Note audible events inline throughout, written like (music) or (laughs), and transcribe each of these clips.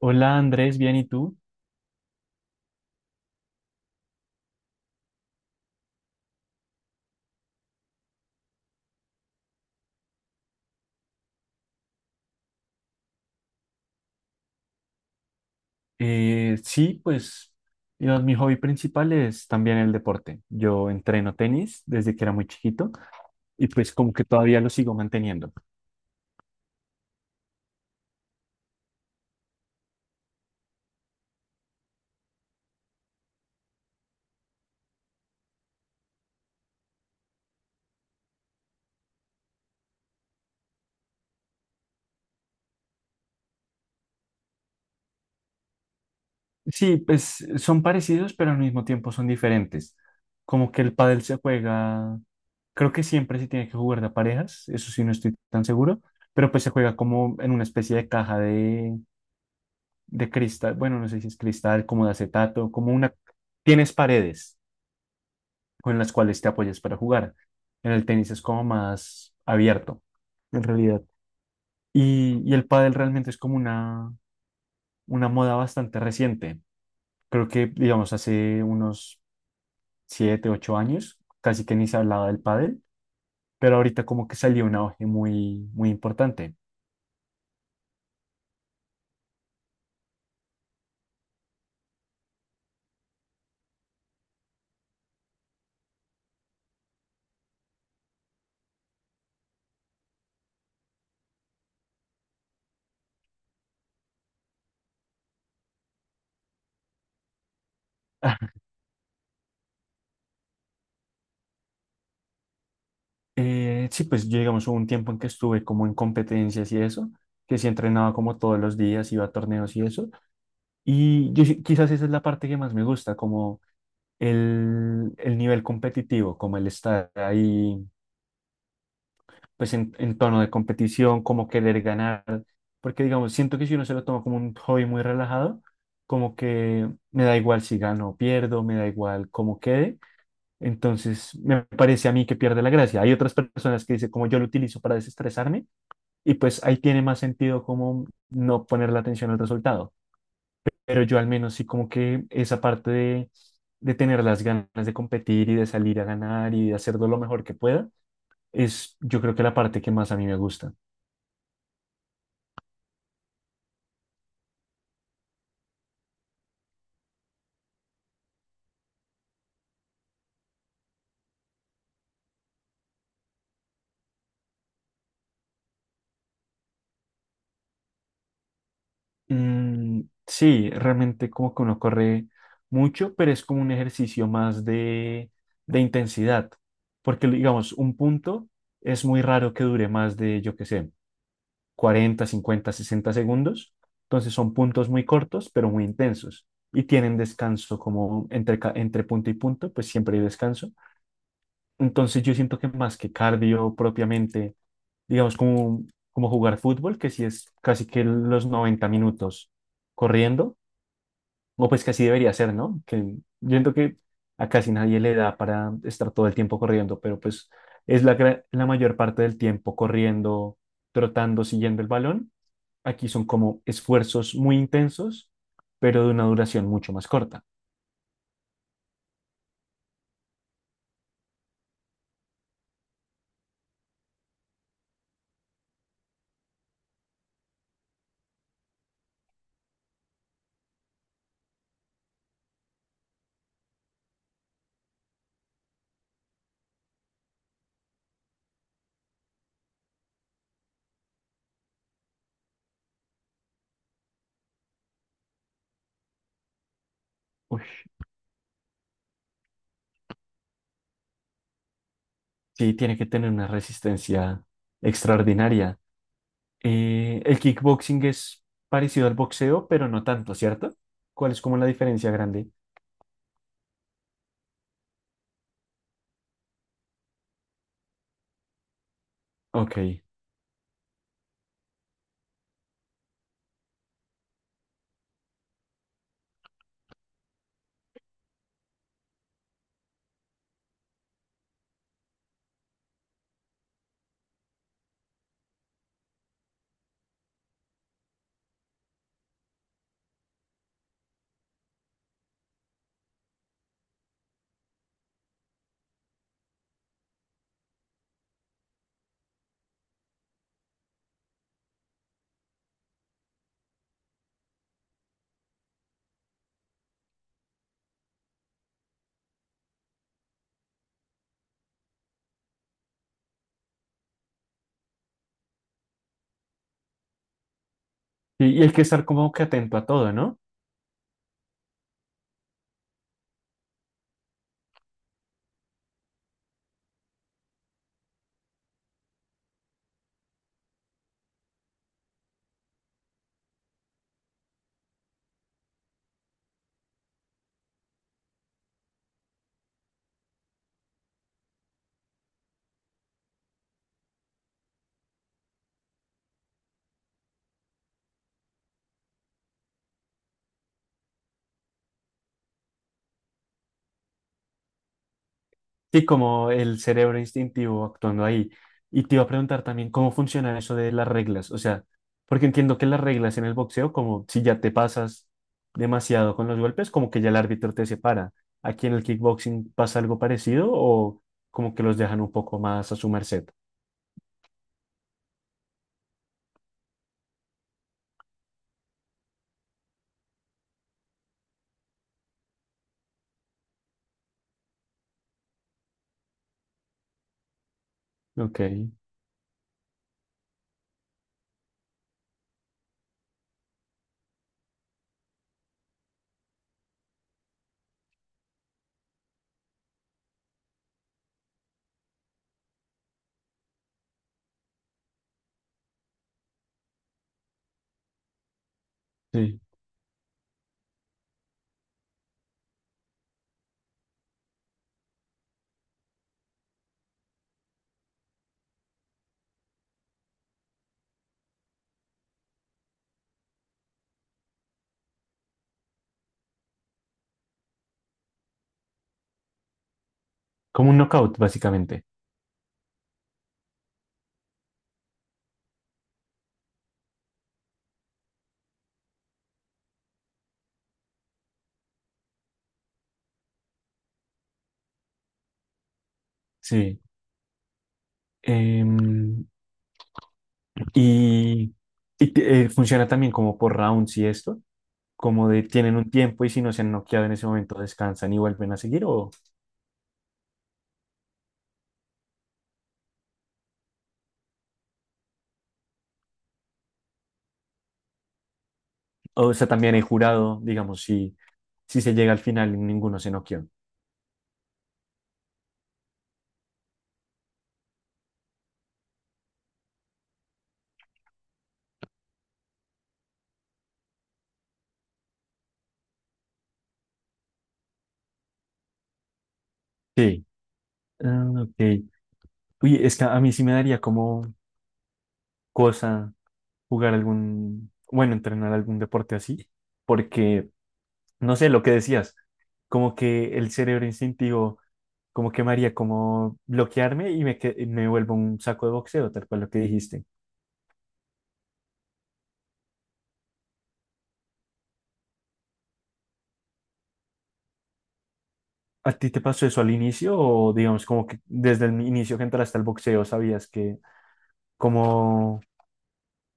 Hola Andrés, bien, ¿y tú? Sí, pues digamos, mi hobby principal es también el deporte. Yo entreno tenis desde que era muy chiquito y pues como que todavía lo sigo manteniendo. Sí, pues son parecidos, pero al mismo tiempo son diferentes. Como que el pádel se juega, creo que siempre se tiene que jugar de a parejas, eso sí no estoy tan seguro, pero pues se juega como en una especie de caja de cristal, bueno, no sé si es cristal, como de acetato, como una... tienes paredes con las cuales te apoyas para jugar. En el tenis es como más abierto, en realidad. Y el pádel realmente es como una moda bastante reciente. Creo que, digamos, hace unos 7 u 8 años casi que ni se hablaba del pádel, pero ahorita como que salió un auge muy, muy importante. (laughs) Sí, pues yo, digamos, hubo un tiempo en que estuve como en competencias y eso, que sí entrenaba como todos los días, iba a torneos y eso. Y yo quizás esa es la parte que más me gusta, como el nivel competitivo, como el estar ahí, pues en tono de competición, como querer ganar, porque digamos, siento que si uno se lo toma como un hobby muy relajado, como que me da igual si gano o pierdo, me da igual cómo quede, entonces me parece a mí que pierde la gracia. Hay otras personas que dicen como yo lo utilizo para desestresarme y pues ahí tiene más sentido como no poner la atención al resultado, pero yo al menos sí como que esa parte de tener las ganas de competir y de salir a ganar y de hacerlo lo mejor que pueda, es yo creo que la parte que más a mí me gusta. Sí, realmente como que uno corre mucho, pero es como un ejercicio más de intensidad, porque digamos, un punto es muy raro que dure más de, yo qué sé, 40, 50, 60 segundos. Entonces son puntos muy cortos, pero muy intensos. Y tienen descanso como entre, entre punto y punto, pues siempre hay descanso. Entonces yo siento que más que cardio propiamente, digamos como, como jugar fútbol, que sí es casi que los 90 minutos corriendo, o pues que así debería ser, ¿no? Que yo siento que a casi nadie le da para estar todo el tiempo corriendo, pero pues es la, la mayor parte del tiempo corriendo, trotando, siguiendo el balón. Aquí son como esfuerzos muy intensos, pero de una duración mucho más corta. Uy, sí, tiene que tener una resistencia extraordinaria. El kickboxing es parecido al boxeo, pero no tanto, ¿cierto? ¿Cuál es como la diferencia grande? Ok. Y hay que estar como que atento a todo, ¿no? Sí, como el cerebro instintivo actuando ahí. Y te iba a preguntar también cómo funciona eso de las reglas. O sea, porque entiendo que las reglas en el boxeo, como si ya te pasas demasiado con los golpes, como que ya el árbitro te separa. ¿Aquí en el kickboxing pasa algo parecido o como que los dejan un poco más a su merced? Ok, sí. Como un knockout, básicamente. Sí. Em, y Funciona también como por rounds y esto, como de tienen un tiempo y si no se han noqueado en ese momento descansan y vuelven a seguir, o sea, también he jurado, digamos, si se llega al final y ninguno se noqueó. Sí. Ah, ok. Uy, es que a mí sí me daría como cosa jugar algún, bueno, entrenar algún deporte así, porque, no sé, lo que decías, como que el cerebro instintivo, como que me haría como bloquearme y me, y me vuelvo un saco de boxeo, tal cual lo que dijiste. ¿A ti te pasó eso al inicio o digamos como que desde el inicio que entraste al boxeo sabías que como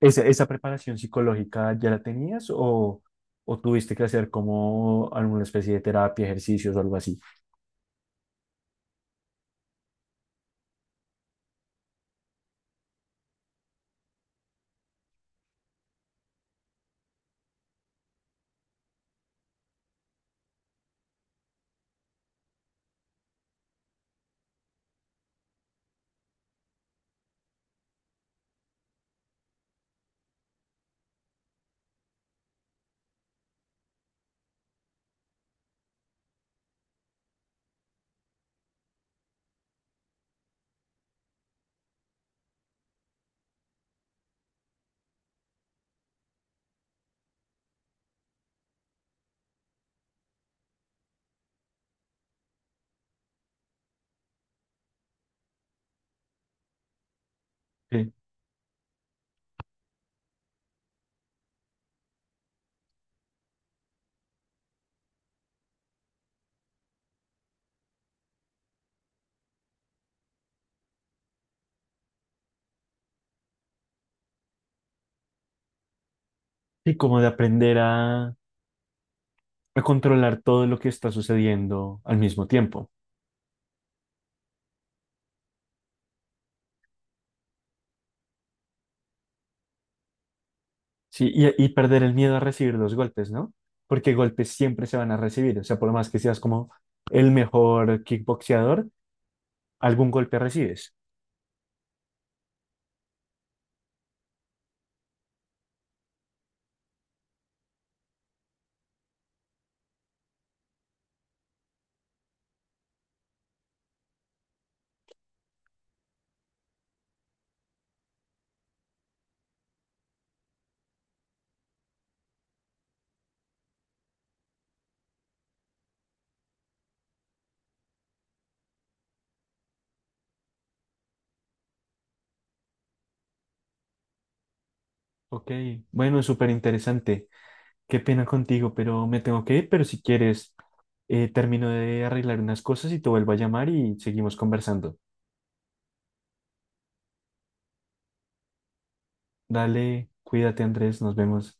esa preparación psicológica ya la tenías o tuviste que hacer como alguna especie de terapia, ejercicios o algo así? Sí, sí, como de aprender a controlar todo lo que está sucediendo al mismo tiempo. Sí, y perder el miedo a recibir los golpes, ¿no? Porque golpes siempre se van a recibir, o sea, por más que seas como el mejor kickboxeador, algún golpe recibes. Ok, bueno, súper interesante. Qué pena contigo, pero me tengo que ir, pero si quieres, termino de arreglar unas cosas y te vuelvo a llamar y seguimos conversando. Dale, cuídate, Andrés, nos vemos.